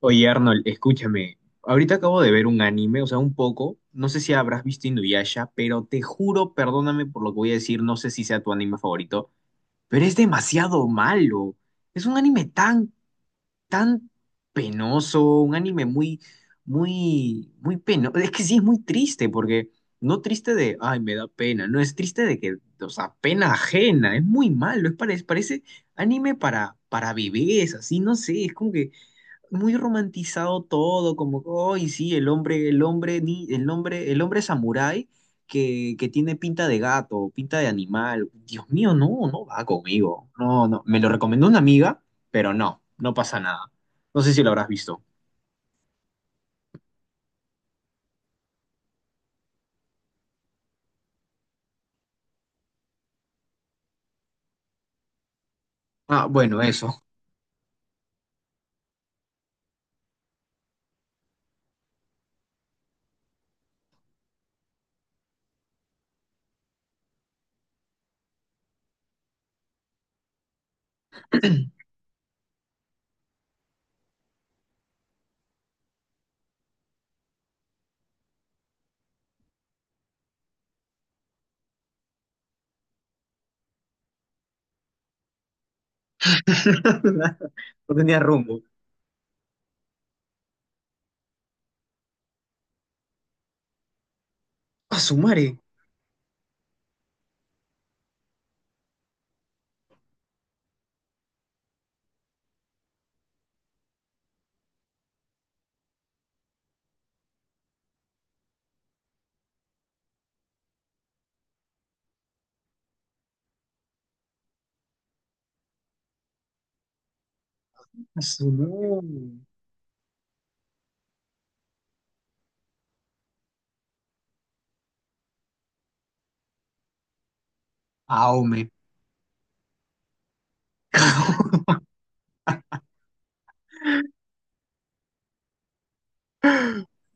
Oye, Arnold, escúchame. Ahorita acabo de ver un anime, o sea, un poco. No sé si habrás visto Inuyasha, pero te juro, perdóname por lo que voy a decir, no sé si sea tu anime favorito, pero es demasiado malo. Es un anime tan, tan penoso, un anime muy, muy, muy penoso. Es que sí, es muy triste, porque no triste de, ay, me da pena, no, es triste de que, o sea, pena ajena, es muy malo, es parece anime para bebés, así, no sé, es como que muy romantizado todo, como, hoy sí, el hombre, ni, el hombre samurái que tiene pinta de gato, pinta de animal. Dios mío, no, no va conmigo. No, no. Me lo recomendó una amiga, pero no, no pasa nada. No sé si lo habrás visto. Ah, bueno, eso. No tenía rumbo. A su madre. A su no. Aome.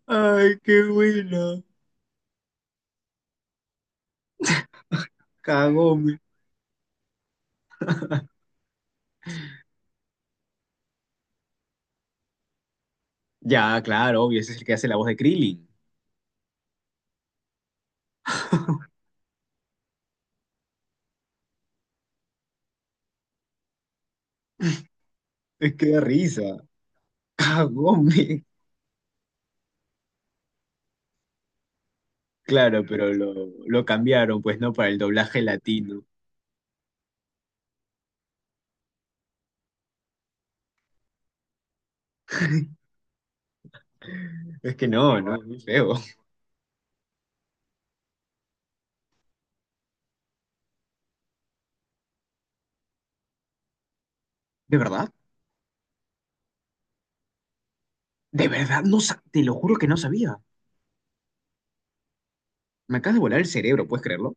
Ay, qué buena. Cagome. Ya, claro, obvio, ese es el que hace la voz de Krillin. Es que da risa. Ah, Gómez. Claro, pero lo cambiaron, pues no, para el doblaje latino. Es que no, no, es muy feo. ¿De verdad? ¿De verdad? No, te lo juro que no sabía. Me acabas de volar el cerebro, ¿puedes creerlo?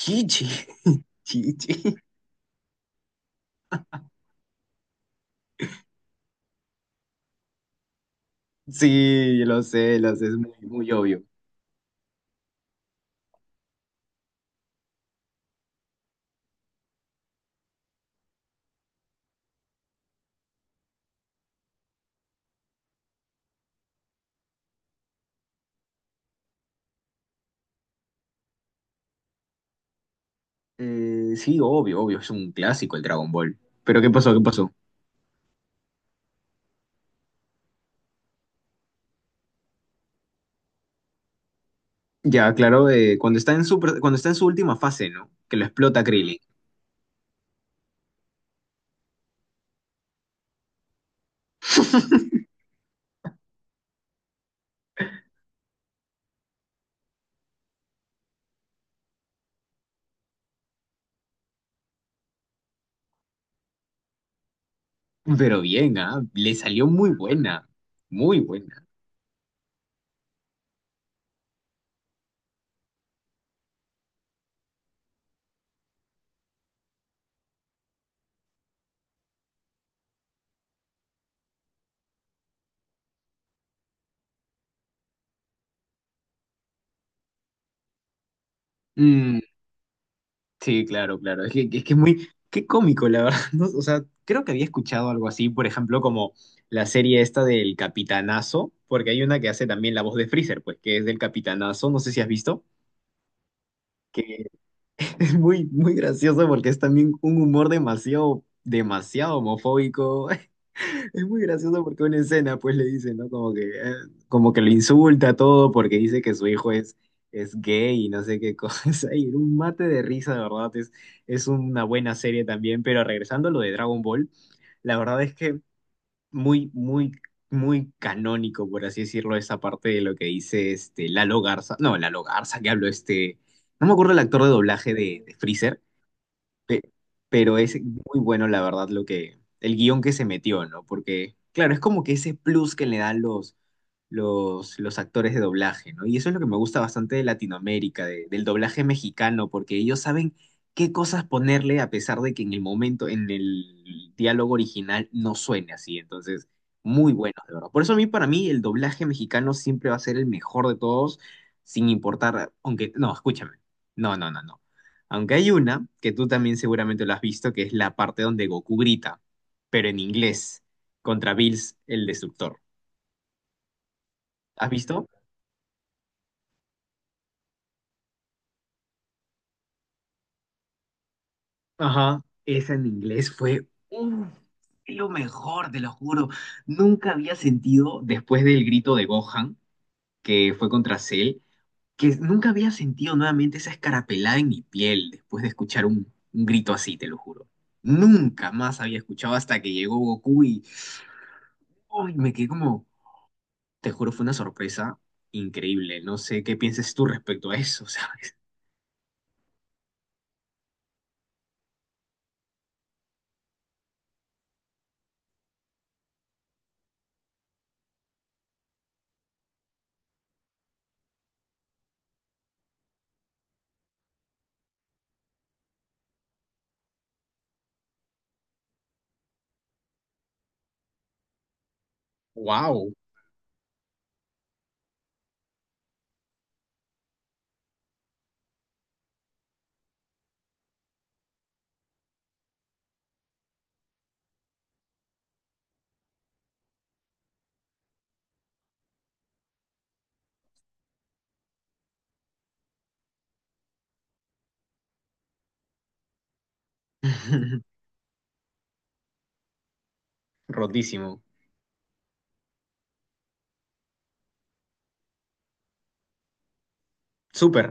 Chichi, chichi. Sí, lo sé, es muy, muy obvio. Sí, obvio, obvio, es un clásico el Dragon Ball. Pero ¿qué pasó? ¿Qué pasó? Ya, claro, cuando está en su, cuando está en su última fase, ¿no? Que lo explota Krillin. Pero bien, ¿ah? Le salió muy buena, muy buena. Mm, Sí, claro, claro. Es que, es que es muy, qué cómico, la verdad. ¿No? O sea, creo que había escuchado algo así, por ejemplo, como la serie esta del Capitanazo, porque hay una que hace también la voz de Freezer, pues, que es del Capitanazo, no sé si has visto, que es muy, muy gracioso porque es también un humor demasiado, demasiado homofóbico. Es muy gracioso porque una escena, pues le dice, ¿no? Como que lo insulta todo porque dice que su hijo es gay y no sé qué cosa. Y un mate de risa, de verdad, es una buena serie también. Pero regresando a lo de Dragon Ball, la verdad es que muy, muy, muy canónico, por así decirlo, esa parte de lo que dice este Lalo Garza. No, Lalo Garza, que habló este. No me acuerdo el actor de doblaje de Freezer. Pe- pero es muy bueno, la verdad, lo que, el guión que se metió, ¿no? Porque, claro, es como que ese plus que le dan los actores de doblaje, ¿no? Y eso es lo que me gusta bastante de Latinoamérica, del doblaje mexicano, porque ellos saben qué cosas ponerle a pesar de que en el momento, en el diálogo original, no suene así. Entonces, muy buenos, de verdad. Por eso a mí, para mí, el doblaje mexicano siempre va a ser el mejor de todos, sin importar, aunque, no, escúchame, no, no, no, no. Aunque hay una, que tú también seguramente lo has visto, que es la parte donde Goku grita, pero en inglés, contra Bills el Destructor. ¿Has visto? Ajá, esa en inglés fue uf, lo mejor, te lo juro. Nunca había sentido, después del grito de Gohan, que fue contra Cell, que nunca había sentido nuevamente esa escarapelada en mi piel después de escuchar un grito así, te lo juro. Nunca más había escuchado hasta que llegó Goku y uy, me quedé como, te juro, fue una sorpresa increíble. No sé qué pienses tú respecto a eso, ¿sabes? ¡Wow! Rotísimo. Súper.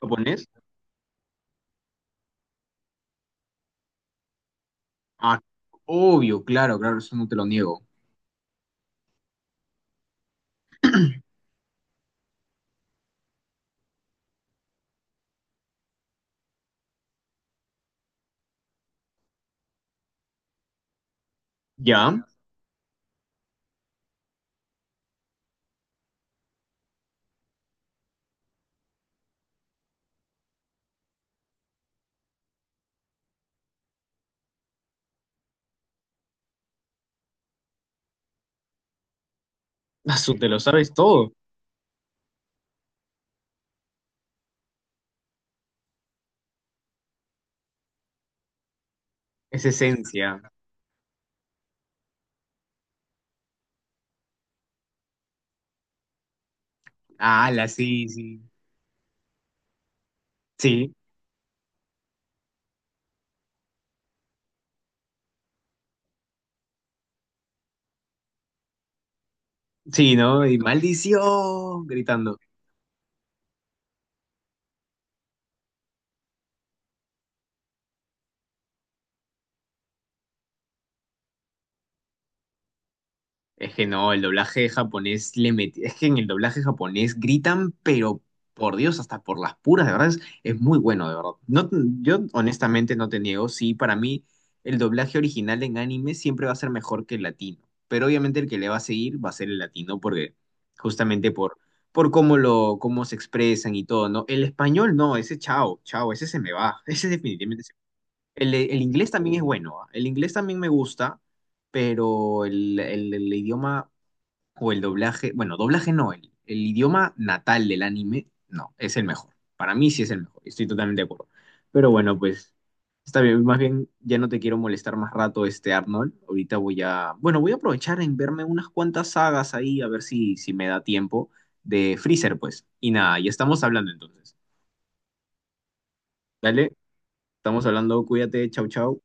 ¿Lo pones? Ah, obvio, claro, claro, eso no te lo niego. Ya, Asu, te lo sabes todo. Es esencia. Ala, sí, sí. Sí, sí, ¿no? Y maldición, gritando. Es que no, el doblaje japonés es que en el doblaje japonés gritan, pero por Dios, hasta por las puras, de verdad, es muy bueno, de verdad. No, yo honestamente no te niego, sí, para mí el doblaje original en anime siempre va a ser mejor que el latino, pero obviamente el que le va a seguir va a ser el latino, porque justamente por cómo lo, cómo se expresan y todo, ¿no? El español no, ese chao, chao, ese se me va, ese definitivamente el inglés también es bueno, ¿ah? El inglés también me gusta, pero el, el idioma o el doblaje, bueno, doblaje no, el idioma natal del anime, no, es el mejor. Para mí sí es el mejor, estoy totalmente de acuerdo. Pero bueno, pues está bien, más bien ya no te quiero molestar más rato, este Arnold. Ahorita voy a, bueno, voy a aprovechar en verme unas cuantas sagas ahí, a ver si, si me da tiempo de Freezer, pues. Y nada, ya estamos hablando entonces. Dale, estamos hablando, cuídate, chau, chau.